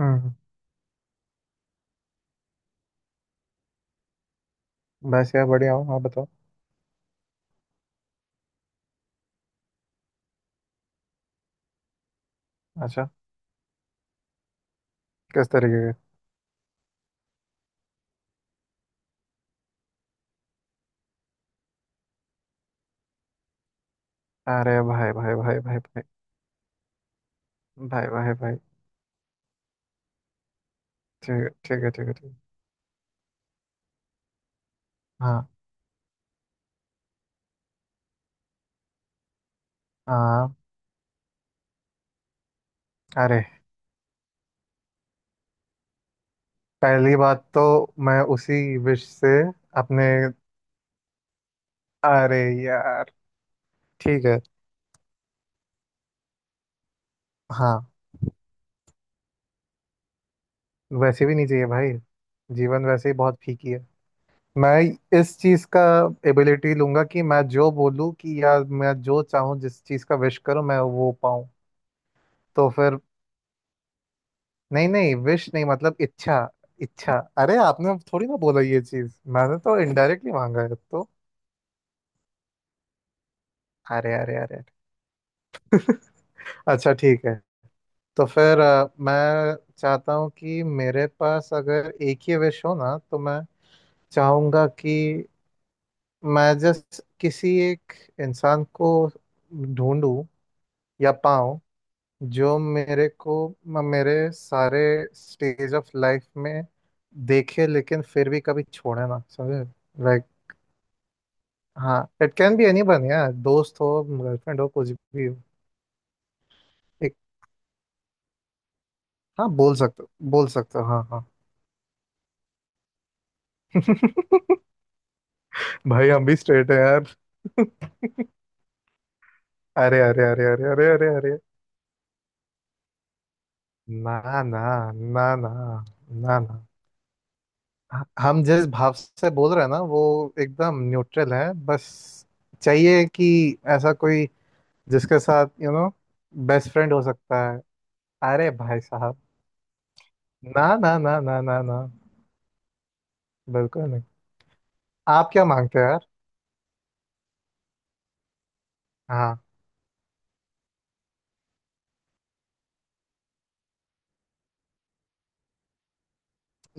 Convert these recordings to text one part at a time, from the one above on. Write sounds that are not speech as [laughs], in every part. हम्म। बस यार बढ़िया हूँ। आप बताओ। अच्छा। किस तरीके के? अरे भाई भाई भाई भाई भाई भाई भाई भाई। ठीक है ठीक है ठीक है ठीक है। हाँ। हाँ। अरे, पहली बात तो मैं उसी विश से अपने। अरे यार। ठीक है। हाँ। वैसे भी नहीं चाहिए भाई। जीवन वैसे ही बहुत फीकी है। मैं इस चीज का एबिलिटी लूंगा कि मैं जो बोलूँ कि या मैं जो चाहूँ जिस चीज का विश करूँ, मैं वो पाऊँ। तो फिर। नहीं नहीं, विश नहीं, मतलब इच्छा। इच्छा। अरे, आपने थोड़ी ना बोला ये चीज, मैंने तो इनडायरेक्टली मांगा है तो। अरे अरे अरे अरे। अच्छा। ठीक है। तो फिर मैं चाहता हूँ कि मेरे पास अगर एक ही विश हो ना तो मैं चाहूंगा कि मैं जस्ट किसी एक इंसान को ढूंढूं या पाऊं जो मेरे को मेरे सारे स्टेज ऑफ लाइफ में देखे, लेकिन फिर भी कभी छोड़े ना समझे। लाइक। हाँ, it can be anyone यार, दोस्त हो गर्लफ्रेंड हो कुछ भी हो। एक। हाँ बोल सकते हो हाँ हाँ। [laughs] भाई, हम भी स्ट्रेट है यार। [laughs] अरे अरे अरे अरे अरे अरे अरे। ना ना ना ना ना ना। हम जिस भाव से बोल रहे हैं ना, वो एकदम न्यूट्रल है बस। चाहिए कि ऐसा कोई जिसके साथ बेस्ट फ्रेंड हो सकता है। अरे भाई साहब। ना ना ना ना ना ना। बिल्कुल नहीं। आप क्या मांगते हो यार? हाँ।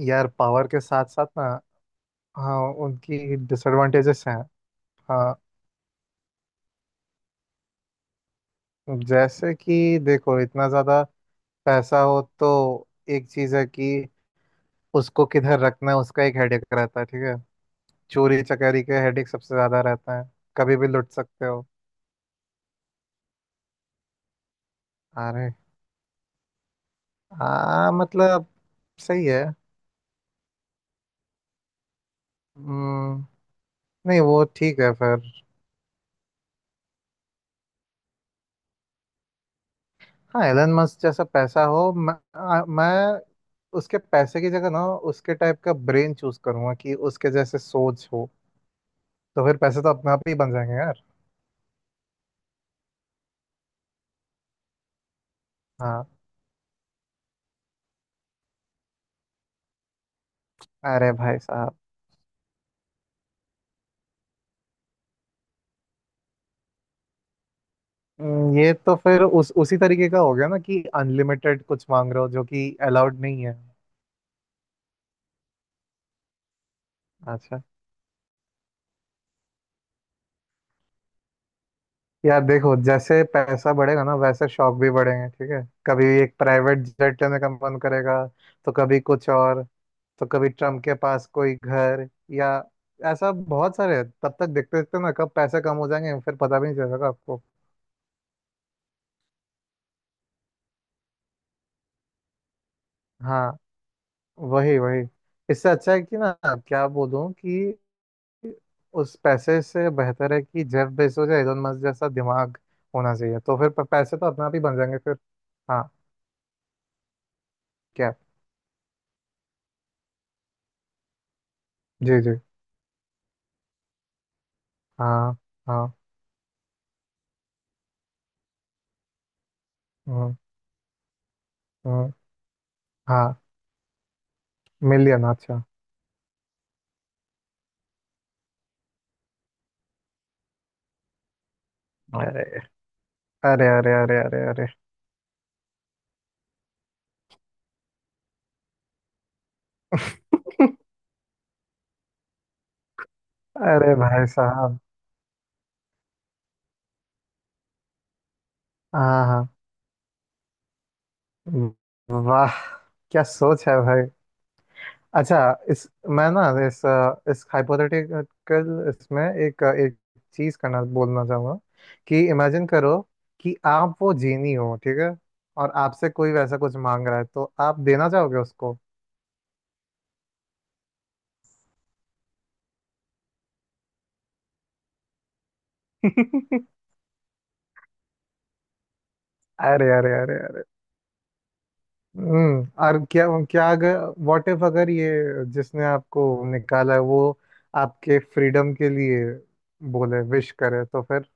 यार पावर के साथ साथ ना। हाँ। उनकी डिसएडवांटेजेस हैं। हाँ। जैसे कि देखो, इतना ज़्यादा पैसा हो तो एक चीज़ है कि उसको किधर रखना है, उसका एक हेडेक रहता है। ठीक है। चोरी चकारी के हेडेक सबसे ज़्यादा रहता है। कभी भी लुट सकते हो। अरे। हाँ, मतलब सही है। हम्म, नहीं वो ठीक है फिर। हाँ एलन मस्क जैसा पैसा हो, मैं उसके पैसे की जगह ना उसके टाइप का ब्रेन चूज करूंगा कि उसके जैसे सोच हो। तो फिर पैसे तो अपने आप ही बन जाएंगे यार। हाँ। अरे भाई साहब। ये तो फिर उस उसी तरीके का हो गया ना कि अनलिमिटेड कुछ मांग रहे हो जो कि अलाउड नहीं है। अच्छा। यार देखो, जैसे पैसा बढ़ेगा ना वैसे शौक भी बढ़ेंगे। ठीक है। कभी एक प्राइवेट जेट लेने का मन करेगा, तो कभी कुछ और, तो कभी ट्रम्प के पास कोई घर या ऐसा बहुत सारे हैं। तब तक देखते देखते ना कब पैसे कम हो जाएंगे फिर पता भी नहीं चलेगा आपको। हाँ। वही वही। इससे अच्छा है कि ना, क्या बोलूं कि उस पैसे से बेहतर है कि जेफ बेजोस या एलन मस्क जैसा दिमाग होना चाहिए, तो फिर पैसे तो अपने आप ही बन जाएंगे फिर। हाँ। क्या? जी जी। हाँ हाँ। हम्म। हम्म। हाँ। मिलियन? अच्छा। अरे अरे अरे अरे अरे अरे। [laughs] अरे भाई साहब। हाँ हाँ। वाह, क्या सोच है भाई। अच्छा। इस मैं ना, इस हाइपोथेटिकल इसमें एक एक चीज करना बोलना चाहूंगा कि इमेजिन करो कि आप वो जीनी हो। ठीक है। और आपसे कोई वैसा कुछ मांग रहा है तो आप देना चाहोगे उसको? [laughs] अरे अरे अरे अरे। और क्या क्या अगर, व्हाट इफ, अगर ये जिसने आपको निकाला है वो आपके फ्रीडम के लिए बोले, विश करे, तो फिर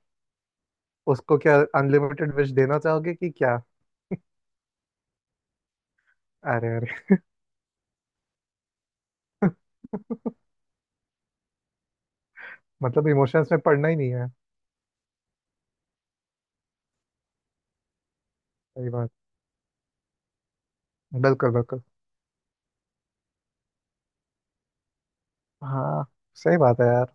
उसको क्या अनलिमिटेड विश देना चाहोगे कि क्या? अरे अरे। [laughs] मतलब इमोशंस में पढ़ना ही नहीं है। सही बात। बिल्कुल बिल्कुल। हाँ। सही बात है यार।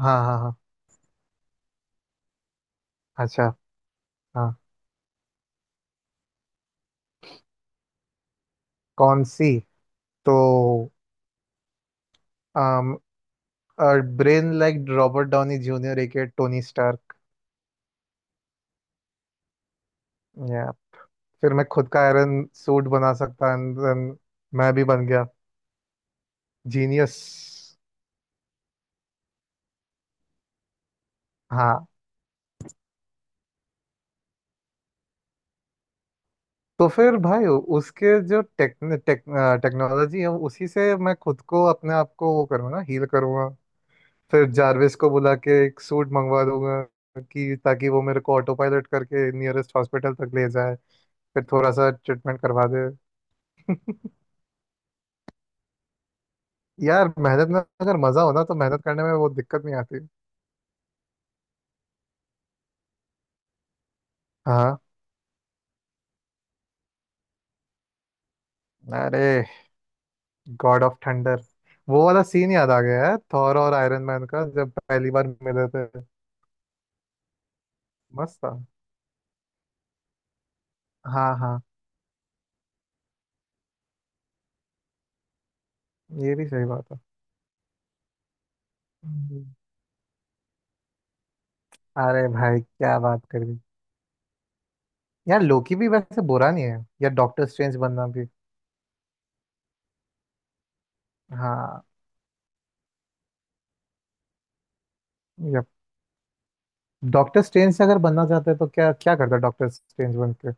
हाँ हाँ हाँ। अच्छा। हाँ। कौन सी? तो um, brain like Robert Downey Junior, एक टोनी स्टार्क, या फिर मैं खुद का आयरन सूट बना सकता and then मैं भी बन गया जीनियस। हाँ। तो फिर भाई, उसके जो टेक, टेक, टेक्नोलॉजी है उसी से मैं खुद को अपने आप को वो करूँगा, हील करूँगा। फिर जारविस को बुला के एक सूट मंगवा दूंगा कि ताकि वो मेरे को ऑटो पायलट करके नियरेस्ट हॉस्पिटल तक ले जाए, फिर थोड़ा सा ट्रीटमेट करवा दे। [laughs] यार, मेहनत में अगर मजा हो ना तो मेहनत करने में वो दिक्कत नहीं आती। हाँ। अरे, गॉड ऑफ थंडर। वो वाला सीन याद आ गया है थॉर और आयरन मैन का जब पहली बार मिले थे। मस्त था। हाँ हाँ। ये भी सही बात है। हम्म। अरे भाई, क्या बात कर दी। यार लोकी भी वैसे बुरा नहीं है, या डॉक्टर स्ट्रेंज बनना भी। हाँ। डॉक्टर स्ट्रेंज से अगर बनना चाहते हैं तो क्या क्या करता डॉक्टर स्ट्रेंज बन के?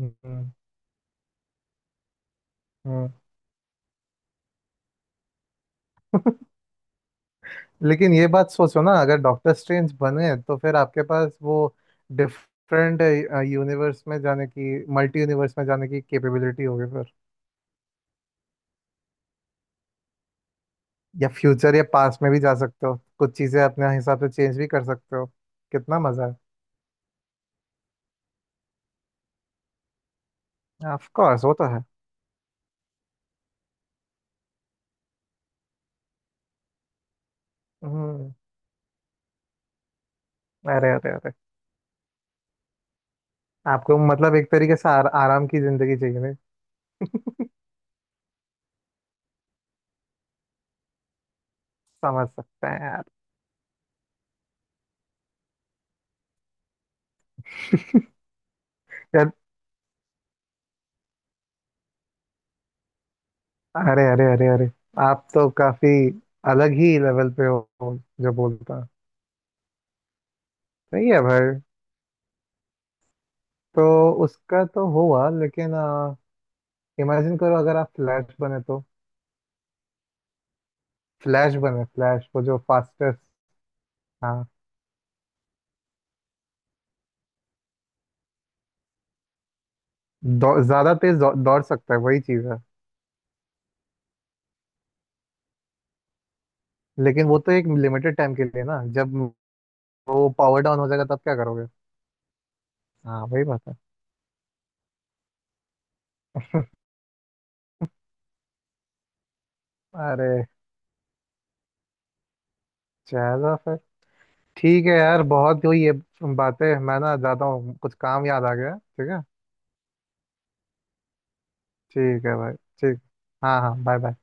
हम्म। हम्म। लेकिन ये बात सोचो ना, अगर डॉक्टर स्ट्रेंज बने तो फिर आपके पास वो डिफरेंट यूनिवर्स में जाने की, मल्टी यूनिवर्स में जाने की कैपेबिलिटी होगी फिर, या फ्यूचर या पास्ट में भी जा सकते हो, कुछ चीज़ें अपने हिसाब से चेंज भी कर सकते हो। कितना मज़ा है। ऑफ कोर्स, वो तो है। हम्म। अरे अरे अरे। आपको मतलब एक तरीके से आराम की जिंदगी चाहिए नहीं? [laughs] समझ सकते हैं यार। अरे अरे अरे अरे। आप तो काफी अलग ही लेवल पे हो, जो बोलता। सही है भाई। तो उसका तो हुआ, लेकिन इमेजिन करो अगर आप फ्लैश बने तो। फ्लैश बने, फ्लैश वो जो फास्टेस्ट। हाँ। ज्यादा तेज दौड़ सकता है वही चीज है। लेकिन वो तो एक लिमिटेड टाइम के लिए ना, जब वो पावर डाउन हो जाएगा तब क्या करोगे? हाँ। वही बात है। [laughs] अरे, चलो फिर। ठीक है यार, बहुत हुई ये बातें। मैं ना जाता हूँ, कुछ काम याद आ गया। ठीक है। ठीक है भाई। ठीक। हाँ हाँ बाय बाय।